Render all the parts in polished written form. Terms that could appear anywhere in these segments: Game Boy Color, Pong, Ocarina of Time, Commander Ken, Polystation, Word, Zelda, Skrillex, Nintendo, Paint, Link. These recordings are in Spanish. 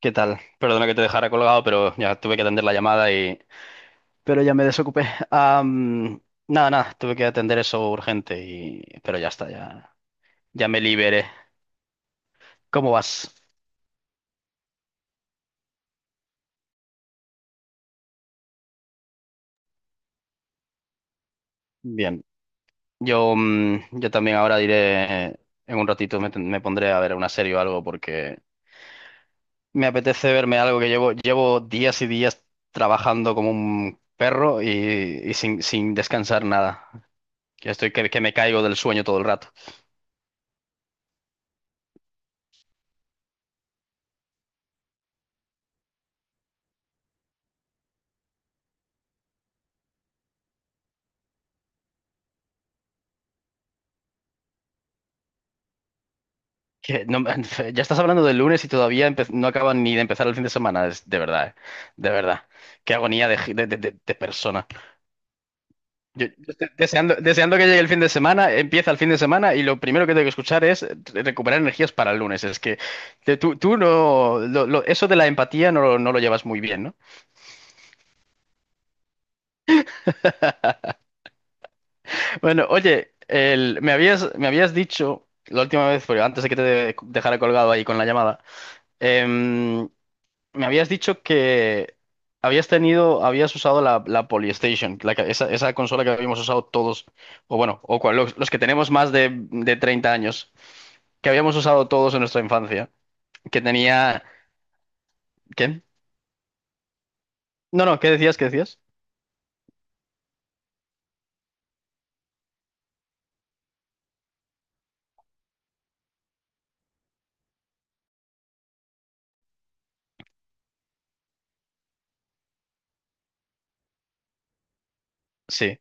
¿Qué tal? Perdona que te dejara colgado, pero ya tuve que atender la llamada y, pero ya me desocupé. Am, nada, nada, tuve que atender eso urgente y, pero ya está, ya, ya me liberé. ¿Cómo vas? Bien. Yo también ahora diré. En un ratito me pondré a ver una serie o algo porque me apetece verme algo que llevo días y días trabajando como un perro y sin descansar nada. Que estoy que me caigo del sueño todo el rato. Que no me- Ya estás hablando del lunes y todavía no acaban ni de empezar el fin de semana. Es, de verdad, de verdad. Qué agonía de, gi- de persona. Yo estoy deseando, deseando que llegue el fin de semana, empieza el fin de semana y lo primero que tengo que escuchar es recuperar energías para el lunes. Es que tú no, eso de la empatía no, no lo llevas muy bien, ¿no? Bueno, oye, me habías dicho la última vez, pero antes de que te dejara colgado ahí con la llamada. em, Me habías dicho que habías tenido, habías usado la Polystation, esa consola que habíamos usado todos, o bueno, los que tenemos más de 30 años, que habíamos usado todos en nuestra infancia, que tenía. ¿Qué? No, no, ¿qué decías? ¿Qué decías? Sí,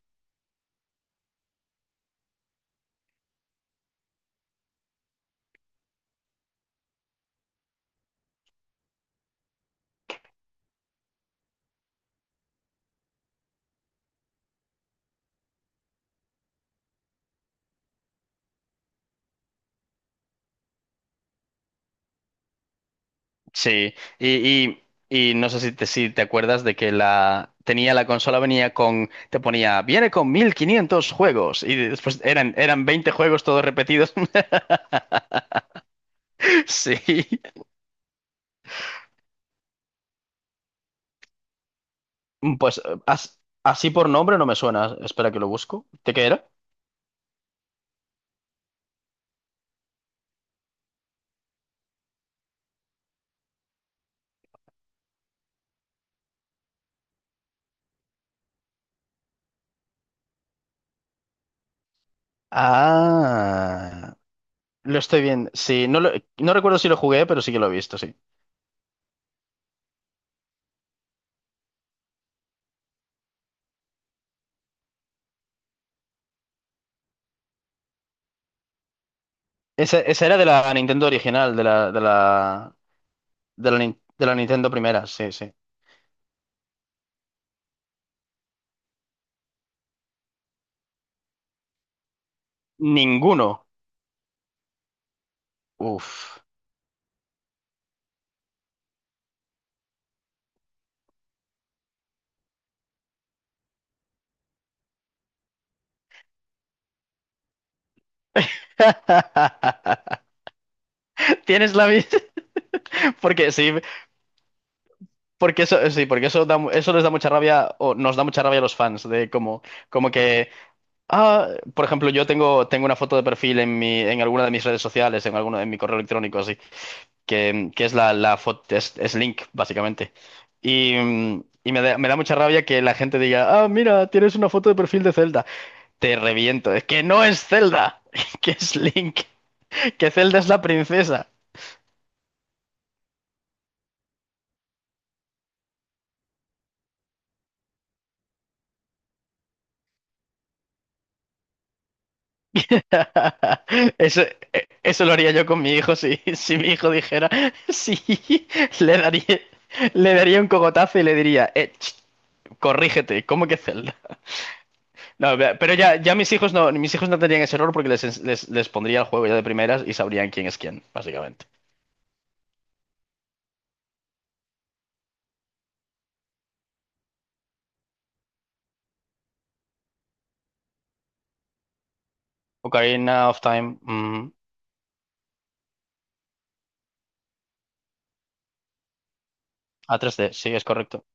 sí. Y, y no sé si te acuerdas de que la tenía la consola, venía con, te ponía, viene con 1500 juegos, y después eran 20 juegos todos repetidos. Sí. Pues así por nombre no me suena. Espera que lo busco. ¿De qué era? Ah, lo estoy viendo. Sí, no, no recuerdo si lo jugué, pero sí que lo he visto, sí. Esa era de la Nintendo original, de la, de la, de la, Nin- de la Nintendo primera, sí, sí. Ninguno. Uf. Tienes la misma. Porque sí, porque eso da eso les da mucha rabia, o nos da mucha rabia a los fans, de como que ah, por ejemplo, yo tengo una foto de perfil en mi, en alguna de mis redes sociales, en alguno, en mi correo electrónico, así, que es la foto, es Link, básicamente. Y me da mucha rabia que la gente diga, ah, mira, tienes una foto de perfil de Zelda. Te reviento, es que no es Zelda, que es Link, que Zelda es la princesa. Eso, eso lo haría yo con mi hijo si, si mi hijo dijera, sí, le daría, le daría un cogotazo y le diría, ch. Corrígete, ¿cómo que Zelda? No, pero ya, ya mis hijos no tendrían ese error porque les pondría el juego ya de primeras y sabrían quién es quién, básicamente. Ocarina of Time, a 3D, sí, es correcto.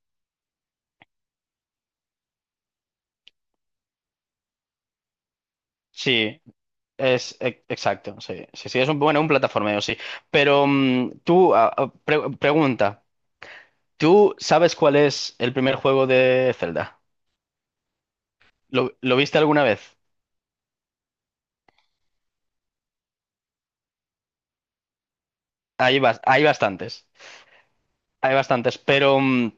Sí, es exacto, sí, sí, sí, es un, bueno, un plataformeo, sí. Pero tú, pregunta, ¿tú sabes cuál es el primer juego de Zelda? ¿Lo viste alguna vez? Hay, bas- hay bastantes, hay bastantes, pero,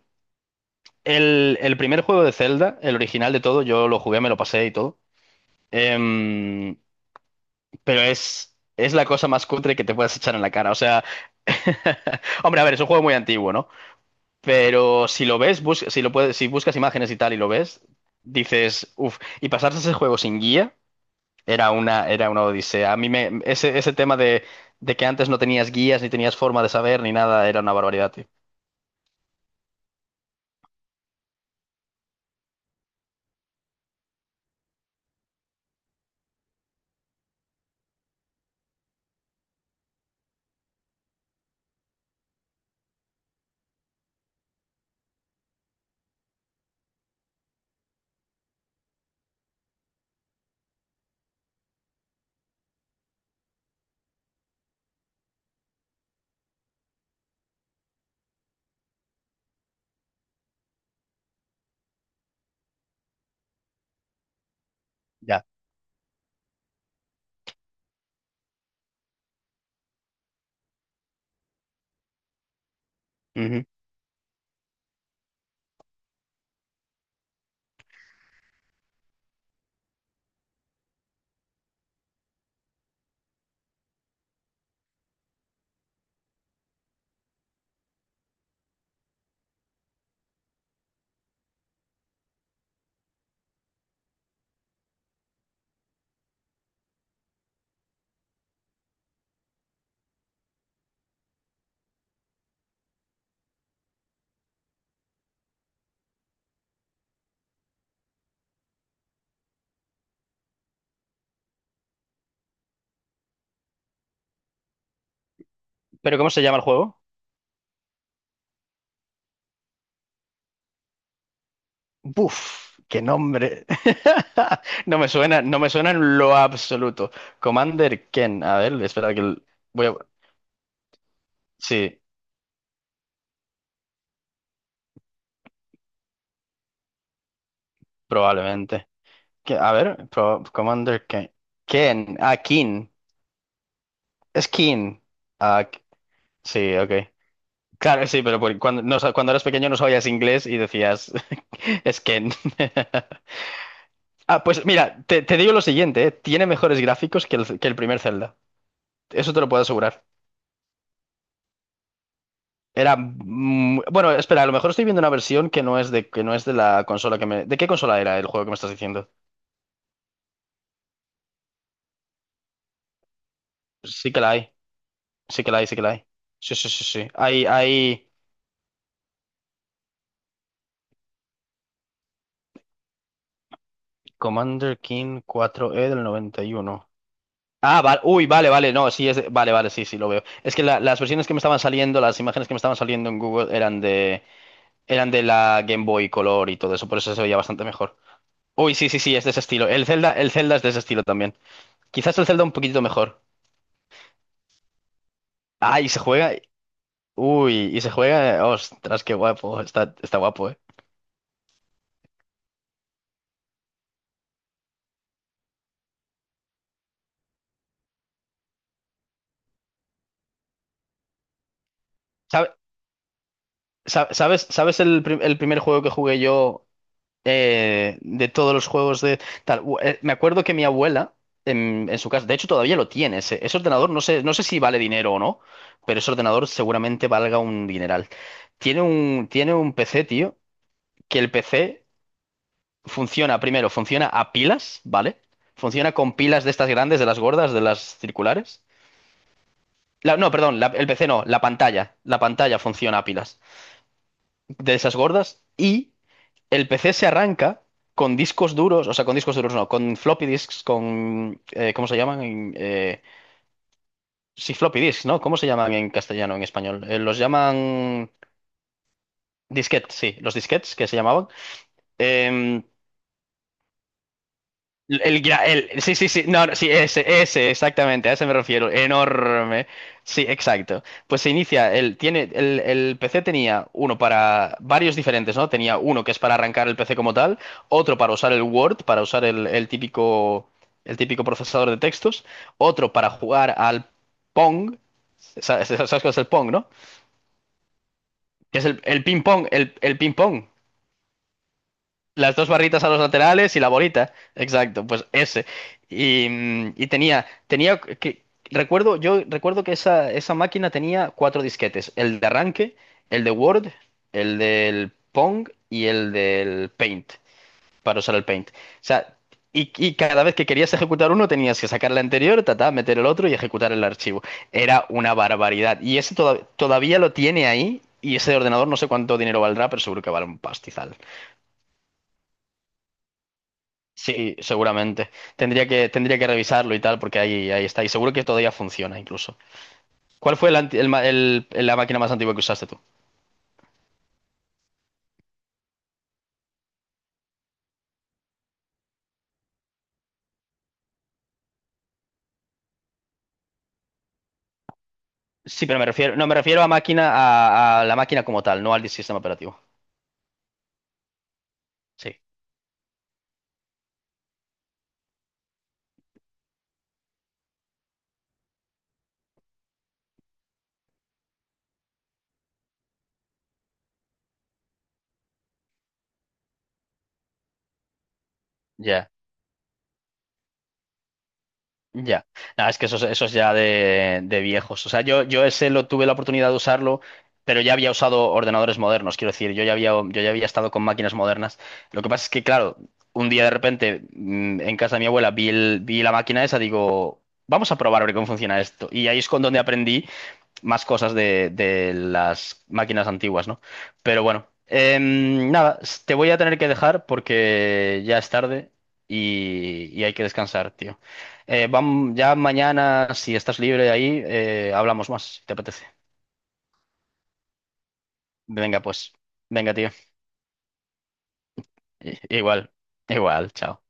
el primer juego de Zelda, el original de todo, yo lo jugué, me lo pasé y todo. Em, pero es la cosa más cutre que te puedas echar en la cara. O sea, hombre, a ver, es un juego muy antiguo, ¿no? Pero si lo ves, si lo puedes, si buscas imágenes y tal y lo ves, dices, uff, y pasarse ese juego sin guía era una odisea. Ese tema de que antes no tenías guías, ni tenías forma de saber, ni nada, era una barbaridad, tío. Ya. Ujú. ¿Pero cómo se llama el juego? Buf, qué nombre. No me suena, no me suena en lo absoluto. Commander Ken, a ver, espera que voy a. Sí, probablemente. A ver, Commander Ken. Ken, ah, Kin. Es Kin. Ah, sí, ok. Claro, sí, pero cuando eras pequeño no sabías inglés y decías, es Ken. Ah, pues mira, te digo lo siguiente. Tiene mejores gráficos que el primer Zelda. Eso te lo puedo asegurar. Era bueno, espera, a lo mejor estoy viendo una versión que no es de que no es de la consola que me. ¿De qué consola era el juego que me estás diciendo? Sí que la hay, sí que la hay, sí que la hay. Sí, sí, sí, sí. Hay Commander King 4E del noventa y uno. Ah, vale, uy, vale, vale, no, sí, vale, vale, sí, sí, lo veo. Es que las versiones que me estaban saliendo, las imágenes que me estaban saliendo en Google eran de, la Game Boy Color y todo eso, por eso se veía bastante mejor. Uy, sí, sí, sí, es de ese estilo. El Zelda es de ese estilo también. Quizás el Zelda un poquito mejor. Ay, se juega, uy, y se juega. Ostras, qué guapo. Está guapo, ¿eh? ¿Sabe- sabes el primer juego que jugué yo, de todos los juegos de tal? Me acuerdo que mi abuela, en su casa, de hecho todavía lo tiene, ese ordenador, no sé, no sé si vale dinero o no, pero ese ordenador seguramente valga un dineral. Tiene un PC, tío, que el PC funciona, primero, funciona a pilas, ¿vale? Funciona con pilas de estas grandes, de las gordas, de las circulares. No, perdón, el P C no, la pantalla. La pantalla funciona a pilas de esas gordas y el PC se arranca con discos duros, o sea, con discos duros no, con floppy disks, con, ¿cómo se llaman? Sí, floppy disks, ¿no? ¿Cómo se llaman en castellano, en español? Los llaman disquetes, sí, los disquetes que se llamaban. Em, sí, sí, sí, no, no, sí, ese, exactamente, a ese me refiero, enorme, sí, exacto. Pues se inicia, el PC tenía uno para varios diferentes, ¿no? Tenía uno que es para arrancar el PC como tal, otro para usar el Word, para usar el típico, el típico procesador de textos, otro para jugar al Pong, ¿sabes cuál es el Pong, no? Que es el ping pong, el ping pong. Las dos barritas a los laterales y la bolita. Exacto, pues ese. Y tenía que, recuerdo, yo recuerdo que esa máquina tenía cuatro disquetes. El de arranque, el de Word, el del Pong y el del Paint, para usar el Paint. O sea, y cada vez que querías ejecutar uno tenías que sacar el anterior, ta ta meter el otro y ejecutar el archivo. Era una barbaridad. Y ese todavía lo tiene ahí y ese ordenador no sé cuánto dinero valdrá, pero seguro que vale un pastizal. Sí, seguramente. Tendría que revisarlo y tal, porque ahí está. Y seguro que todavía funciona incluso. ¿Cuál fue el anti- el ma- el- la máquina más antigua que usaste tú? Sí, pero me refiero, no, me refiero a máquina, a la máquina como tal, no al sistema operativo. Sí, ya. Ya, nada, es que eso es ya de viejos. O sea, yo ese lo tuve la oportunidad de usarlo, pero ya había usado ordenadores modernos, quiero decir, yo ya había estado con máquinas modernas. Lo que pasa es que, claro, un día de repente en casa de mi abuela vi la máquina esa, digo, vamos a probar a ver cómo funciona esto. Y ahí es con donde aprendí más cosas de las máquinas antiguas, ¿no? Pero bueno, nada, te voy a tener que dejar porque ya es tarde y hay que descansar, tío. Ya mañana, si estás libre ahí, hablamos más, si te apetece. Venga, pues. Venga, tío. Igual, igual, chao.